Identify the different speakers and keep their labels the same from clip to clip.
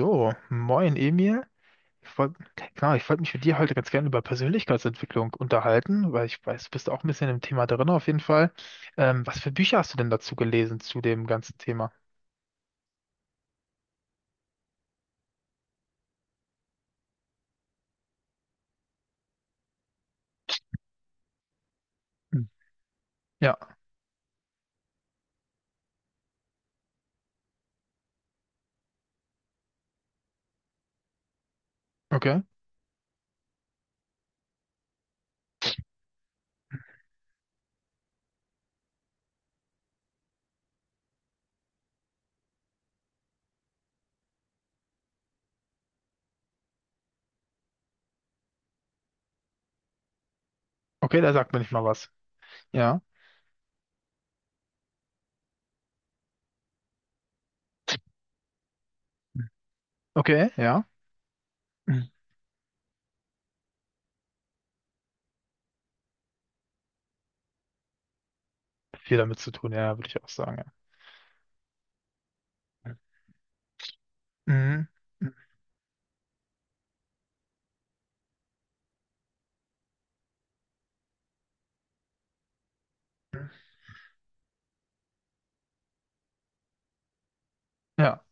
Speaker 1: So, moin Emil. Ich wollt, genau, ich wollte mich mit dir heute ganz gerne über Persönlichkeitsentwicklung unterhalten, weil ich weiß, du bist auch ein bisschen im Thema drin auf jeden Fall. Was für Bücher hast du denn dazu gelesen zu dem ganzen Thema? Hm. Ja, okay. Okay, da sagt mir nicht mal was. Ja. Hm. Okay, ja. Hm. Viel damit zu tun, ja, würde ich auch sagen. Ja. Mhm. Ja,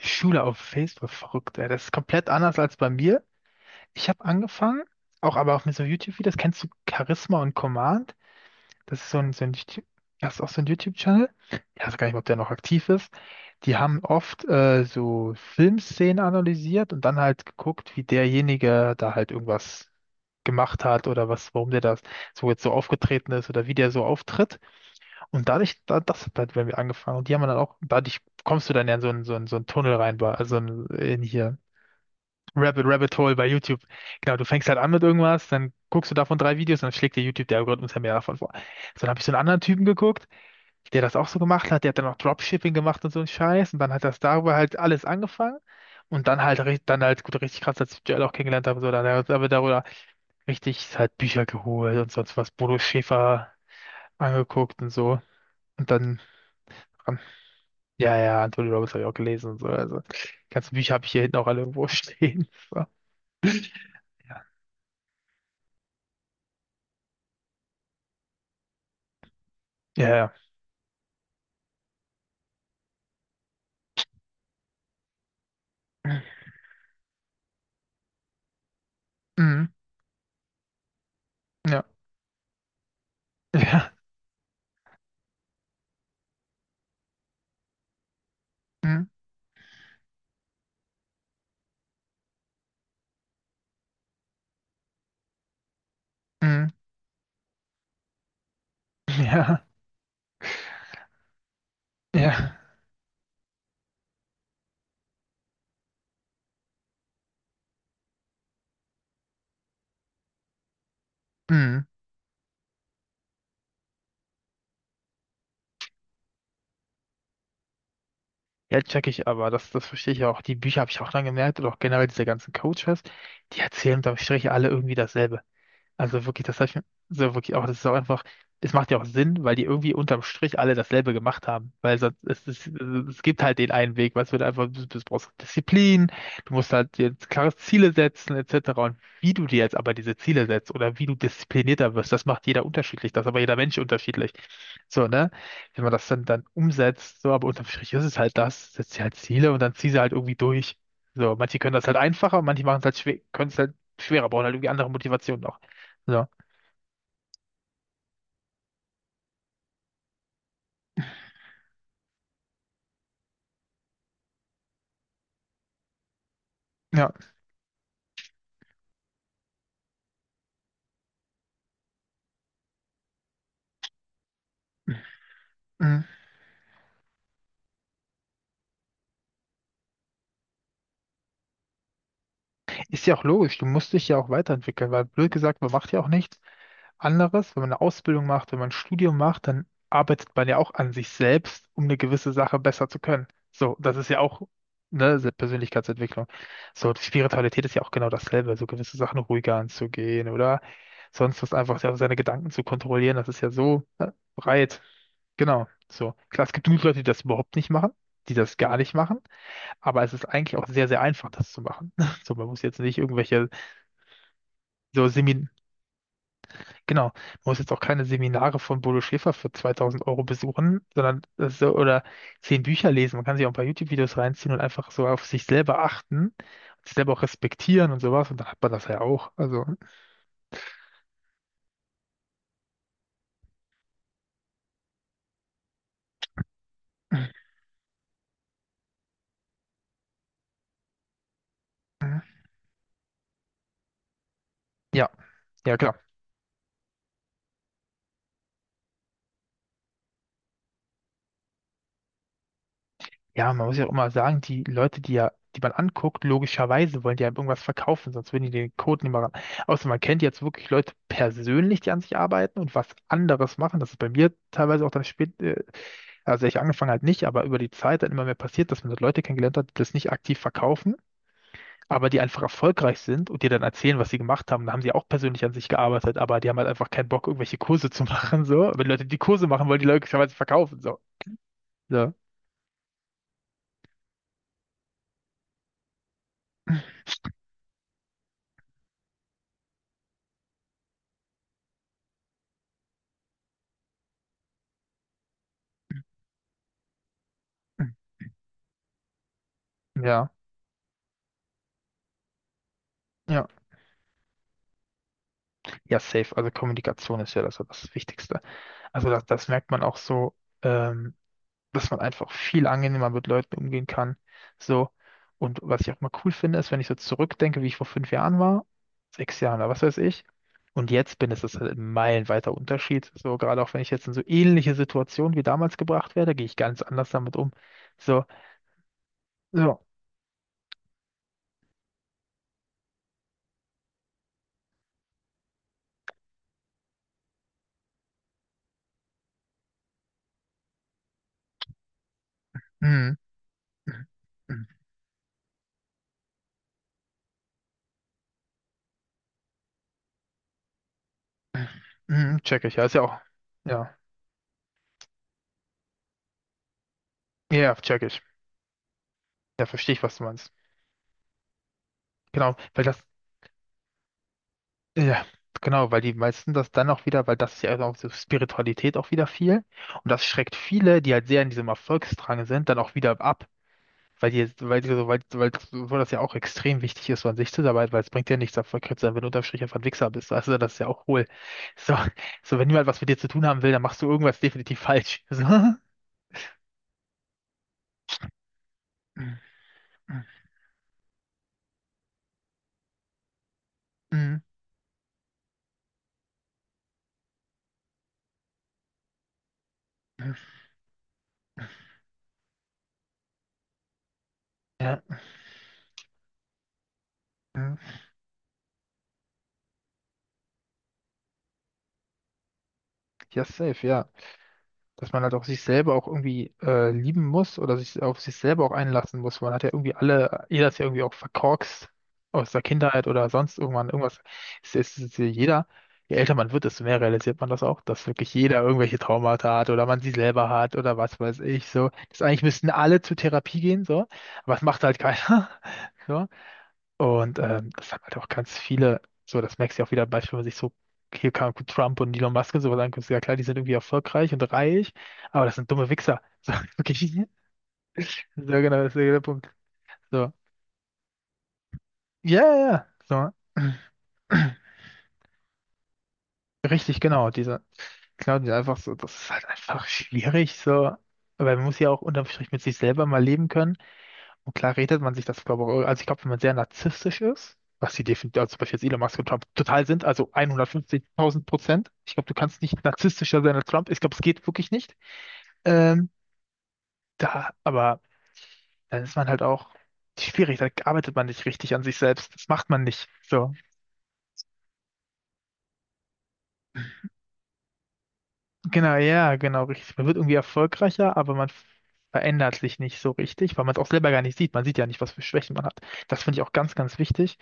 Speaker 1: die Schule auf Facebook, verrückt, ey. Das ist komplett anders als bei mir. Ich habe angefangen, auch aber auch mit so YouTube-Videos. Kennst du Charisma und Command? Das ist so ein, das ist auch so ein YouTube-Channel. Ich weiß gar nicht, ob der noch aktiv ist. Die haben oft so Filmszenen analysiert und dann halt geguckt, wie derjenige da halt irgendwas gemacht hat oder was, warum der das so jetzt so aufgetreten ist oder wie der so auftritt. Und dadurch, da, das hat halt bei mir angefangen. Und die haben dann auch, dadurch kommst du dann ja in so einen Tunnel rein, also in hier. Rabbit Hole bei YouTube. Genau, du fängst halt an mit irgendwas, dann guckst du davon drei Videos, dann schlägt dir YouTube, der Algorithmus ja mehr davon vor. So, dann habe ich so einen anderen Typen geguckt, der das auch so gemacht hat, der hat dann auch Dropshipping gemacht und so einen Scheiß und dann hat das darüber halt alles angefangen und dann halt, gut, richtig krass, als ich Joel auch kennengelernt habe, so, dann hat er darüber richtig halt Bücher geholt und sonst was, Bodo Schäfer angeguckt und so und ähm, ja, ja, Anthony Robbins habe ich auch gelesen und so, also, die ganzen Bücher habe ich hier hinten auch alle irgendwo stehen, so, ja, ja, ja. Mhm. Ja, ja, mm, mm, ja, ja, mm. Ja, check ich aber, das verstehe ich auch. Die Bücher habe ich auch dann gemerkt oder auch generell diese ganzen Coaches, die erzählen unterm Strich alle irgendwie dasselbe. Also wirklich, das habe ich mir so wirklich auch, das ist auch einfach, es macht ja auch Sinn, weil die irgendwie unterm Strich alle dasselbe gemacht haben. Weil sonst, es gibt halt den einen Weg, weil es wird einfach, du brauchst Disziplin, du musst halt dir jetzt klare Ziele setzen, etc. Und wie du dir jetzt aber diese Ziele setzt oder wie du disziplinierter wirst, das macht jeder unterschiedlich, das ist aber jeder Mensch unterschiedlich. So, ne? Wenn man das dann umsetzt, so, aber unterm Strich ist es halt das, setzt dir halt Ziele und dann zieh sie halt irgendwie durch. So, manche können das halt einfacher, manche machen es halt schwer, können es halt schwerer, brauchen halt irgendwie andere Motivationen auch. Ja, ja. Mhm. Ist ja auch logisch, du musst dich ja auch weiterentwickeln, weil blöd gesagt, man macht ja auch nichts anderes. Wenn man eine Ausbildung macht, wenn man ein Studium macht, dann arbeitet man ja auch an sich selbst, um eine gewisse Sache besser zu können. So, das ist ja auch, Persönlichkeitsentwicklung. So, die Spiritualität ist ja auch genau dasselbe, so gewisse Sachen ruhiger anzugehen oder sonst was einfach ja, seine Gedanken zu kontrollieren, das ist ja so, ne, breit. Genau, so. Klar, es gibt genug Leute, die das überhaupt nicht machen, die das gar nicht machen. Aber es ist eigentlich auch sehr, sehr einfach, das zu machen. So, man muss jetzt nicht so Semin, genau, man muss jetzt auch keine Seminare von Bodo Schäfer für 2000 Euro besuchen, sondern das ist so, oder 10 Bücher lesen. Man kann sich auch ein paar YouTube-Videos reinziehen und einfach so auf sich selber achten, sich selber auch respektieren und sowas. Und dann hat man das ja auch. Also, ja, ja, genau. Ja, man muss ja auch immer sagen, die Leute, die ja, die man anguckt, logischerweise wollen die einem irgendwas verkaufen, sonst würden die den Code nicht mal ran. Außer man kennt jetzt wirklich Leute persönlich, die an sich arbeiten und was anderes machen. Das ist bei mir teilweise auch also ich angefangen halt nicht, aber über die Zeit dann immer mehr passiert, dass man dort Leute kennengelernt hat, die das nicht aktiv verkaufen, aber die einfach erfolgreich sind und dir dann erzählen, was sie gemacht haben. Da haben sie auch persönlich an sich gearbeitet, aber die haben halt einfach keinen Bock, irgendwelche Kurse zu machen, so. Wenn die Leute die Kurse machen wollen, die logischerweise verkaufen, so. Ja. Ja. Ja. Ja, safe. Also Kommunikation ist ja das, das Wichtigste. Also das, das merkt man auch ähm, dass man einfach viel angenehmer mit Leuten umgehen kann. So. Und was ich auch mal cool finde, ist, wenn ich so zurückdenke, wie ich vor 5 Jahren war, 6 Jahren oder was weiß ich. Und jetzt bin, ist das halt ein meilenweiter Unterschied. So, gerade auch wenn ich jetzt in so ähnliche Situationen wie damals gebracht werde, gehe ich ganz anders damit um. So, so, mhm, mhm, mhm. Mhm, check ich. Ja, ist ja auch, ja, ja, check ich. Ja, verstehe ich, was du meinst. Genau, weil das, ja, genau, weil die meisten das dann auch wieder, weil das ist ja auch so Spiritualität auch wieder viel. Und das schreckt viele, die halt sehr in diesem Erfolgsdrang sind, dann auch wieder ab. Weil die, weil die, weil, weil, weil das ja auch extrem wichtig ist, so an sich zu arbeiten, weil es bringt ja nichts, erfolgreich zu sein, wenn du unterm Strich einfach ein Wichser bist. Also das ist ja auch hohl. So, so wenn niemand was mit dir zu tun haben will, dann machst du irgendwas definitiv falsch. So. Mm, mm, mm, mm. Ja, mm. Ja, safe, ja. Dass man halt auch sich selber auch lieben muss oder sich auf sich selber auch einlassen muss. Man hat ja irgendwie alle, jeder ist ja irgendwie auch verkorkst aus der Kindheit oder sonst irgendwann irgendwas. Es ist ja jeder, je älter man wird, desto mehr realisiert man das auch, dass wirklich jeder irgendwelche Traumata hat oder man sie selber hat oder was weiß ich so. Das eigentlich müssten alle zur Therapie gehen so, aber es macht halt keiner. So. Und das haben halt auch ganz viele, so das merkst du ja auch wieder, Beispiel, wenn man sich so, hier kann Trump und Elon Musk und sowas anguckt, ja klar, die sind irgendwie erfolgreich und reich, aber das sind dumme Wichser. So, wirklich. Ja, genau, das ist der Punkt. So. Ja, ja, ja. So. Richtig, genau, diese einfach so, das ist halt einfach schwierig, so. Aber man muss ja auch unterm Strich mit sich selber mal leben können. Und klar redet man sich das, glaube ich, also ich glaube, wenn man sehr narzisstisch ist, was sie definitiv, also zum Beispiel jetzt Elon Musk und Trump total sind, also 150.000%. Ich glaube, du kannst nicht narzisstischer sein als Trump. Ich glaube, es geht wirklich nicht. Ähm, Da, aber dann ist man halt auch schwierig, da arbeitet man nicht richtig an sich selbst. Das macht man nicht. So. Genau, ja, genau, richtig. Man wird irgendwie erfolgreicher, aber man verändert sich nicht so richtig, weil man es auch selber gar nicht sieht. Man sieht ja nicht, was für Schwächen man hat. Das finde ich auch ganz, ganz wichtig.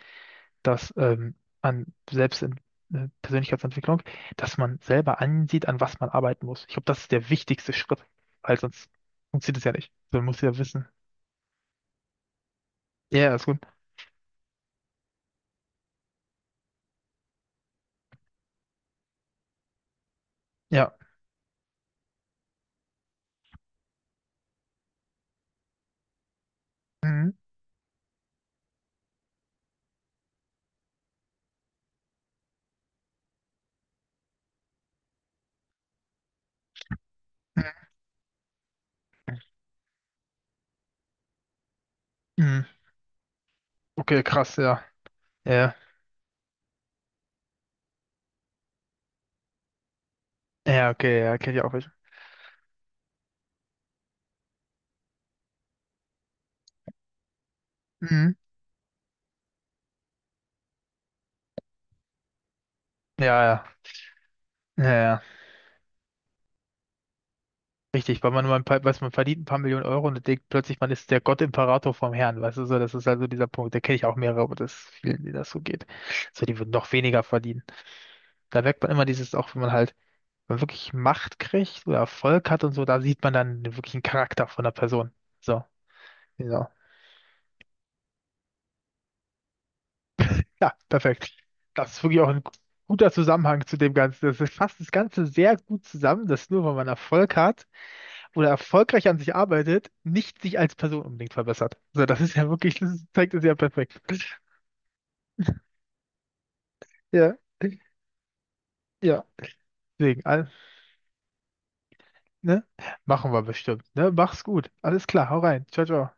Speaker 1: Dass an selbst in Persönlichkeitsentwicklung, dass man selber ansieht, an was man arbeiten muss. Ich glaube, das ist der wichtigste Schritt, weil sonst funktioniert es ja nicht. Man muss ja wissen. Ja, ja, ist gut. Ja. Mhm. Mhm. Okay, krass, ja. Ja, ja, okay, ja, kenn ich auch welche. Mhm. Ja, ja. Ja, ja, richtig, weil man weiß, man verdient ein paar Millionen Euro und denkt plötzlich, man ist der Gott-Imperator vom Herrn, weißt du, so, das ist also dieser Punkt, da kenne ich auch mehrere, aber das ist vielen, denen das so geht. So, die würden noch weniger verdienen. Da merkt man immer dieses, auch wenn man halt, wenn man wirklich Macht kriegt oder Erfolg hat und so, da sieht man dann den wirklichen Charakter von der Person. So, genau. Ja, perfekt. Das ist wirklich auch ein guter Zusammenhang zu dem Ganzen. Das ist- fasst das Ganze sehr gut zusammen, dass nur weil man Erfolg hat oder erfolgreich an sich arbeitet, nicht sich als Person unbedingt verbessert. Also das ist ja wirklich, das zeigt es ja perfekt. Ja, ja. Deswegen, all- ne? Machen wir bestimmt. Ne? Mach's gut. Alles klar, hau rein. Ciao, ciao.